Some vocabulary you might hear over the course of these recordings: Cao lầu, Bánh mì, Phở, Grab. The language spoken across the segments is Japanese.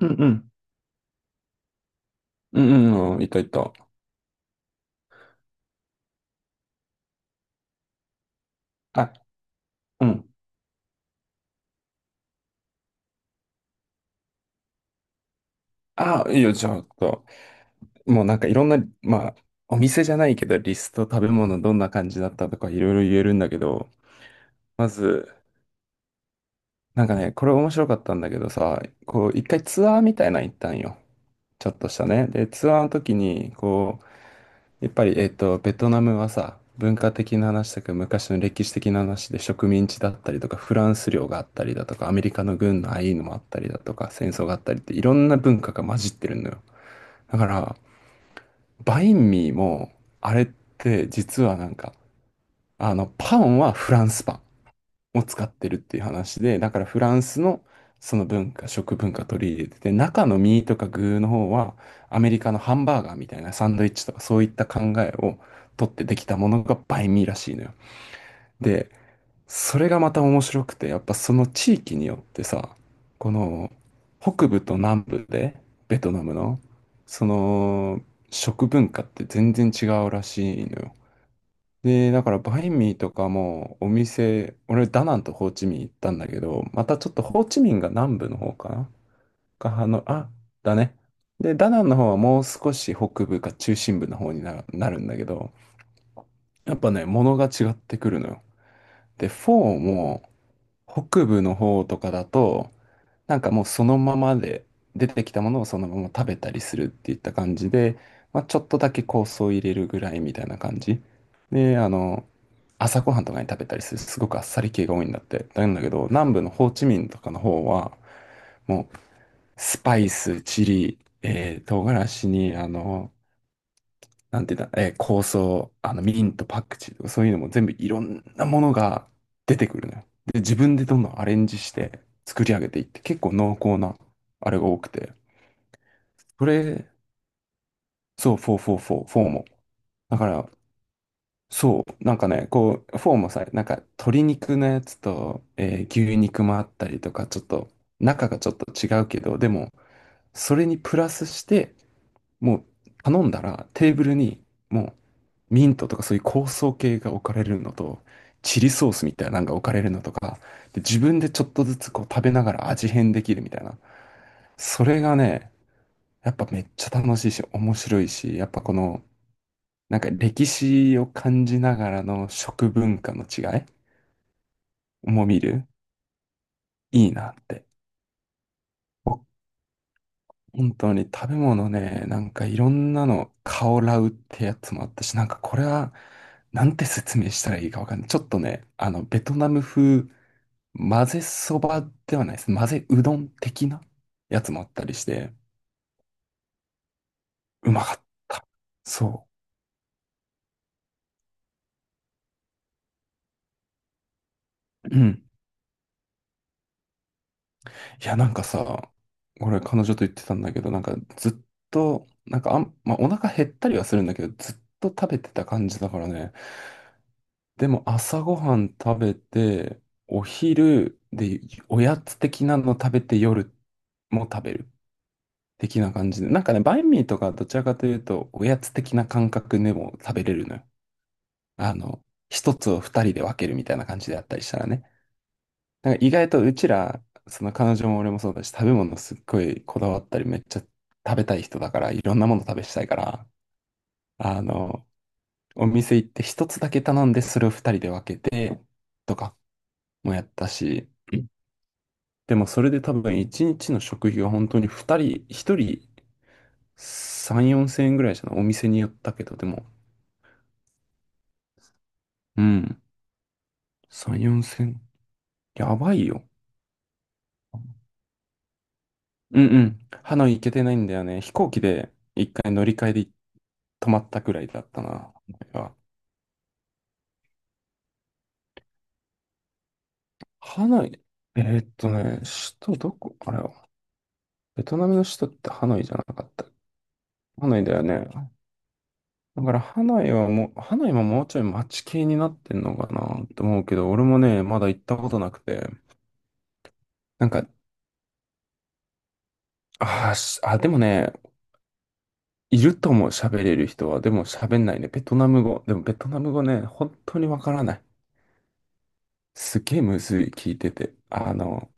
うんうん。うんうんうん。いたいた。あ、うん。あ、いいよ、じゃあ、ちょっともうなんかいろんな、まあ、お店じゃないけど、リスト、食べ物どんな感じだったとかいろいろ言えるんだけど、まず、なんかね、これ面白かったんだけどさ、こう、一回ツアーみたいなの行ったんよ。ちょっとしたね。で、ツアーの時に、こう、やっぱり、ベトナムはさ、文化的な話とか昔の歴史的な話で植民地だったりとか、フランス領があったりだとか、アメリカの軍のああいうのもあったりだとか、戦争があったりっていろんな文化が混じってるのよ。だから、バインミーも、あれって実はなんか、あの、パンはフランスパンを使ってるっていう話で、だからフランスのその文化、食文化取り入れてて、中のミーとか具の方はアメリカのハンバーガーみたいなサンドイッチとかそういった考えを取ってできたものがバインミーらしいのよ。で、それがまた面白くて、やっぱその地域によってさ、この北部と南部でベトナムのその食文化って全然違うらしいのよ。で、だからバインミーとかもお店、俺ダナンとホーチミン行ったんだけど、またちょっとホーチミンが南部の方かなが、あの、あ、だね。で、ダナンの方はもう少し北部か中心部の方になるんだけど、やっぱね、物が違ってくるのよ。で、フォーも北部の方とかだと、なんかもうそのままで出てきたものをそのまま食べたりするっていった感じで、まあ、ちょっとだけ香草を入れるぐらいみたいな感じであの朝ごはんとかに食べたりするすごくあっさり系が多いんだってなんだけど、南部のホーチミンとかの方はもうスパイスチリ、唐辛子にあのなんていうんだ、香草、あの、ミント、パクチーとかそういうのも全部いろんなものが出てくるのよ。で、自分でどんどんアレンジして作り上げていって、結構濃厚なあれが多くて。それ、そう、フォーフォーフォー、フォーも。だから、そう、なんかね、こう、フォーもさ、なんか鶏肉のやつと、牛肉もあったりとか、ちょっと、中がちょっと違うけど、でも、それにプラスして、もう頼んだらテーブルにもうミントとかそういう香草系が置かれるのと、チリソースみたいなのが置かれるのとか、で、自分でちょっとずつこう食べながら味変できるみたいな。それがね、やっぱめっちゃ楽しいし、面白いし、やっぱこの、なんか歴史を感じながらの食文化の違いも見る、いいなって。本当に食べ物ね、なんかいろんなの、カオラウってやつもあったし、なんかこれは、なんて説明したらいいかわかんない。ちょっとね、あの、ベトナム風、混ぜそばではないです。混ぜうどん的なやつもあったりして、うまかった。そう。うん。いや、なんかさ、俺彼女と言ってたんだけど、なんかずっと、なんかあん、まあ、お腹減ったりはするんだけど、ずっと食べてた感じだからね、でも朝ごはん食べて、お昼でおやつ的なの食べて夜も食べる的な感じで。なんかね、バインミーとかどちらかというと、おやつ的な感覚でも食べれるのよ。あの、一つを二人で分けるみたいな感じであったりしたらね。なんか意外とうちら、その彼女も俺もそうだし、食べ物すっごいこだわったり、めっちゃ食べたい人だから、いろんなもの食べしたいから、あの、お店行って一つだけ頼んで、それを二人で分けて、とかもやったし、でもそれで多分一日の食費が本当に二人、一人3、4千円ぐらいじゃない？お店によったけど、でも。うん。3、4千円。やばいよ。うんうん。ハノイ行けてないんだよね。飛行機で一回乗り換えで泊まったくらいだったな。ハノイ、えーっとね、首都どこあれは、ベトナムの首都ってハノイじゃなかった？ハノイだよね。だからハノイはもう、ハノイももうちょい街系になってんのかなって思うけど、俺もね、まだ行ったことなくて。なんか、あーしあ、でもね、いると思う、喋れる人は。でも喋んないね。ベトナム語。でもベトナム語ね、本当にわからない。すげえむずい、聞いてて。あの、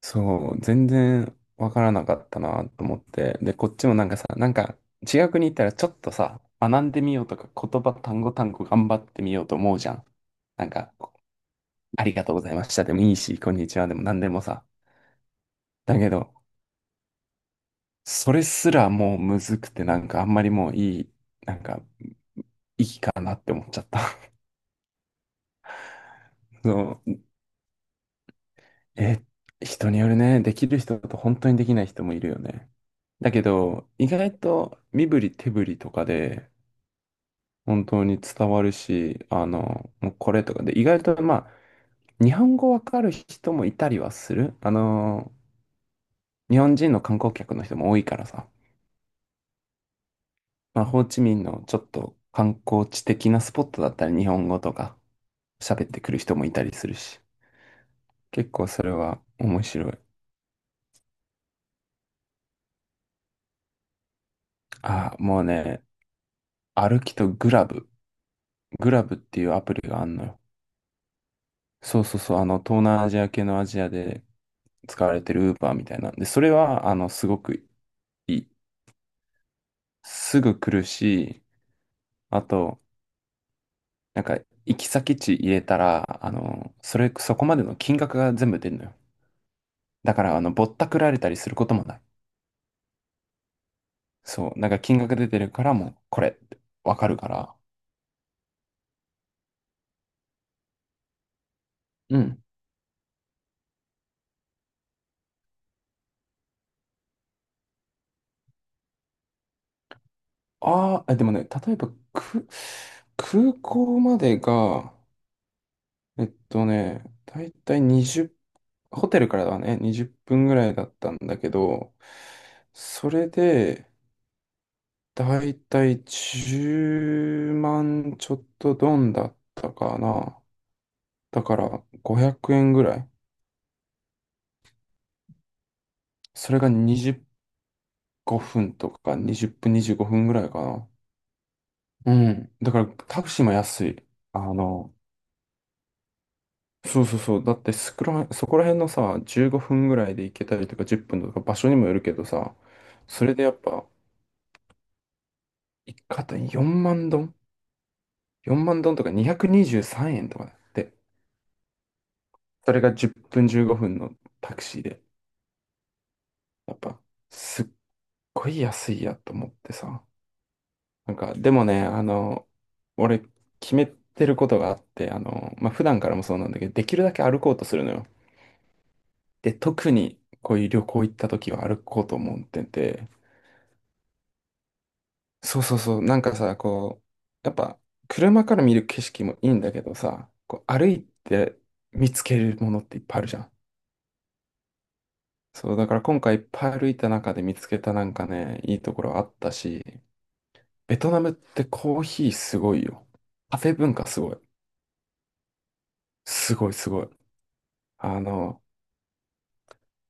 そう、全然わからなかったなと思って。で、こっちもなんかさ、なんか違う国行ったらちょっとさ、学んでみようとか、言葉単語単語頑張ってみようと思うじゃん。なんか、ありがとうございましたでもいいし、こんにちはでも何でもさ。だけど、それすらもうむずくて、なんかあんまりもういい、なんか、だなって思っちゃった。そう、え、人によるね、できる人と本当にできない人もいるよね。だけど、意外と身振り手振りとかで本当に伝わるし、あの、もうこれとかで、意外とまあ、日本語わかる人もいたりはする。あの、日本人の観光客の人も多いからさ、まあ、ホーチミンのちょっと観光地的なスポットだったら日本語とか喋ってくる人もいたりするし、結構それは面白い。ああ、もうね、歩きとグラブ。グラブっていうアプリがあんのよ。そうそうそう。あの、東南アジア系のアジアで使われてるウーバーみたいなんで、それは、あの、すごくいい。すぐ来るし、あと、なんか、行き先地入れたら、あの、それ、そこまでの金額が全部出るのよ。だから、あの、ぼったくられたりすることもない。そう。なんか、金額出てるから、もう、これってわかるから。うん。あーあ、でもね、例えば、空港までが、だいたい20、ホテルからはね、20分ぐらいだったんだけど、それで、だいたい10万ちょっとドンだったかな。だから500円ぐらい。それが25分とか20分、25分ぐらいかな。うん。だからタクシーも安い。あの、そうそうそう。だってそこら辺のさ、15分ぐらいで行けたりとか10分とか場所にもよるけどさ、それでやっぱ一肩4万丼 ?4 万丼とか223円とかだって。それが10分15分のタクシーで。やっぱ、すっごい安いやと思ってさ。なんか、でもね、あの、俺、決めてることがあって、あの、まあ、普段からもそうなんだけど、できるだけ歩こうとするのよ。で、特にこういう旅行行った時は歩こうと思ってて、そうそうそう、なんかさ、こう、やっぱ、車から見る景色もいいんだけどさ、こう歩いて見つけるものっていっぱいあるじゃん。そう、だから今回いっぱい歩いた中で見つけたなんかね、いいところあったし、ベトナムってコーヒーすごいよ。カフェ文化すごい。すごいすごい。あの、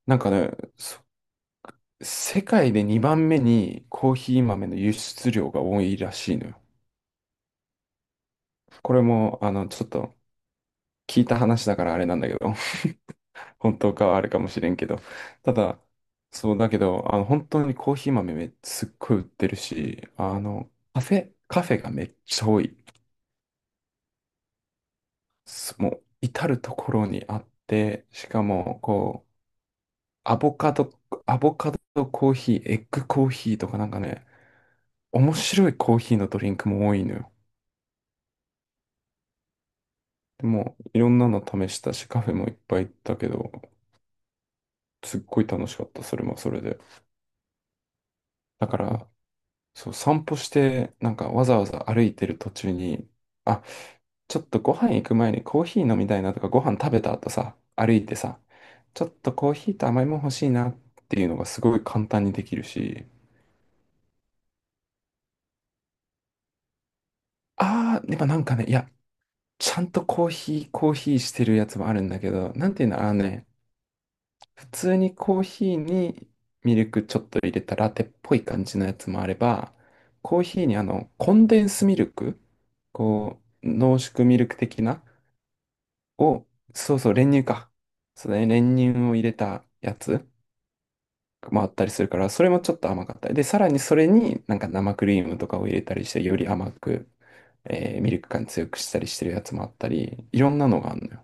なんかね、そ世界で2番目にコーヒー豆の輸出量が多いらしいのよ。これも、あの、ちょっと聞いた話だからあれなんだけど、本当かはあれかもしれんけど、ただ、そうだけど、あの、本当にコーヒー豆すっごい売ってるし、あの、カフェ、カフェがめっちゃ多い。もう至るところにあって、しかもこう、アボカド、アボカドコーヒー、エッグコーヒーとかなんかね、面白いコーヒーのドリンクも多いのよ。でも、いろんなの試したし、カフェもいっぱい行ったけど、すっごい楽しかった、それもそれで。だから、そう、散歩して、なんかわざわざ歩いてる途中に、あ、ちょっとご飯行く前にコーヒー飲みたいなとか、ご飯食べた後さ、歩いてさ、ちょっとコーヒーと甘いもん欲しいなっていうのがすごい簡単にできるし、あー、やっぱなんかね、いや、ちゃんとコーヒー、コーヒーしてるやつもあるんだけど、なんていうの、あのね、普通にコーヒーにミルクちょっと入れたラテっぽい感じのやつもあれば、コーヒーにあの、コンデンスミルク、こう、濃縮ミルク的な、を、そうそう、練乳か。そうだね、練乳を入れたやつもあったりするから、それもちょっと甘かったり。で、さらにそれになんか生クリームとかを入れたりして、より甘く、ミルク感強くしたりしてるやつもあったり、いろんなのがあるのよ。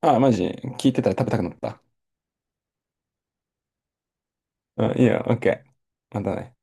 ああ、マジ、聞いてたら食べたくなった。うん、いいよ、オッケー。またね。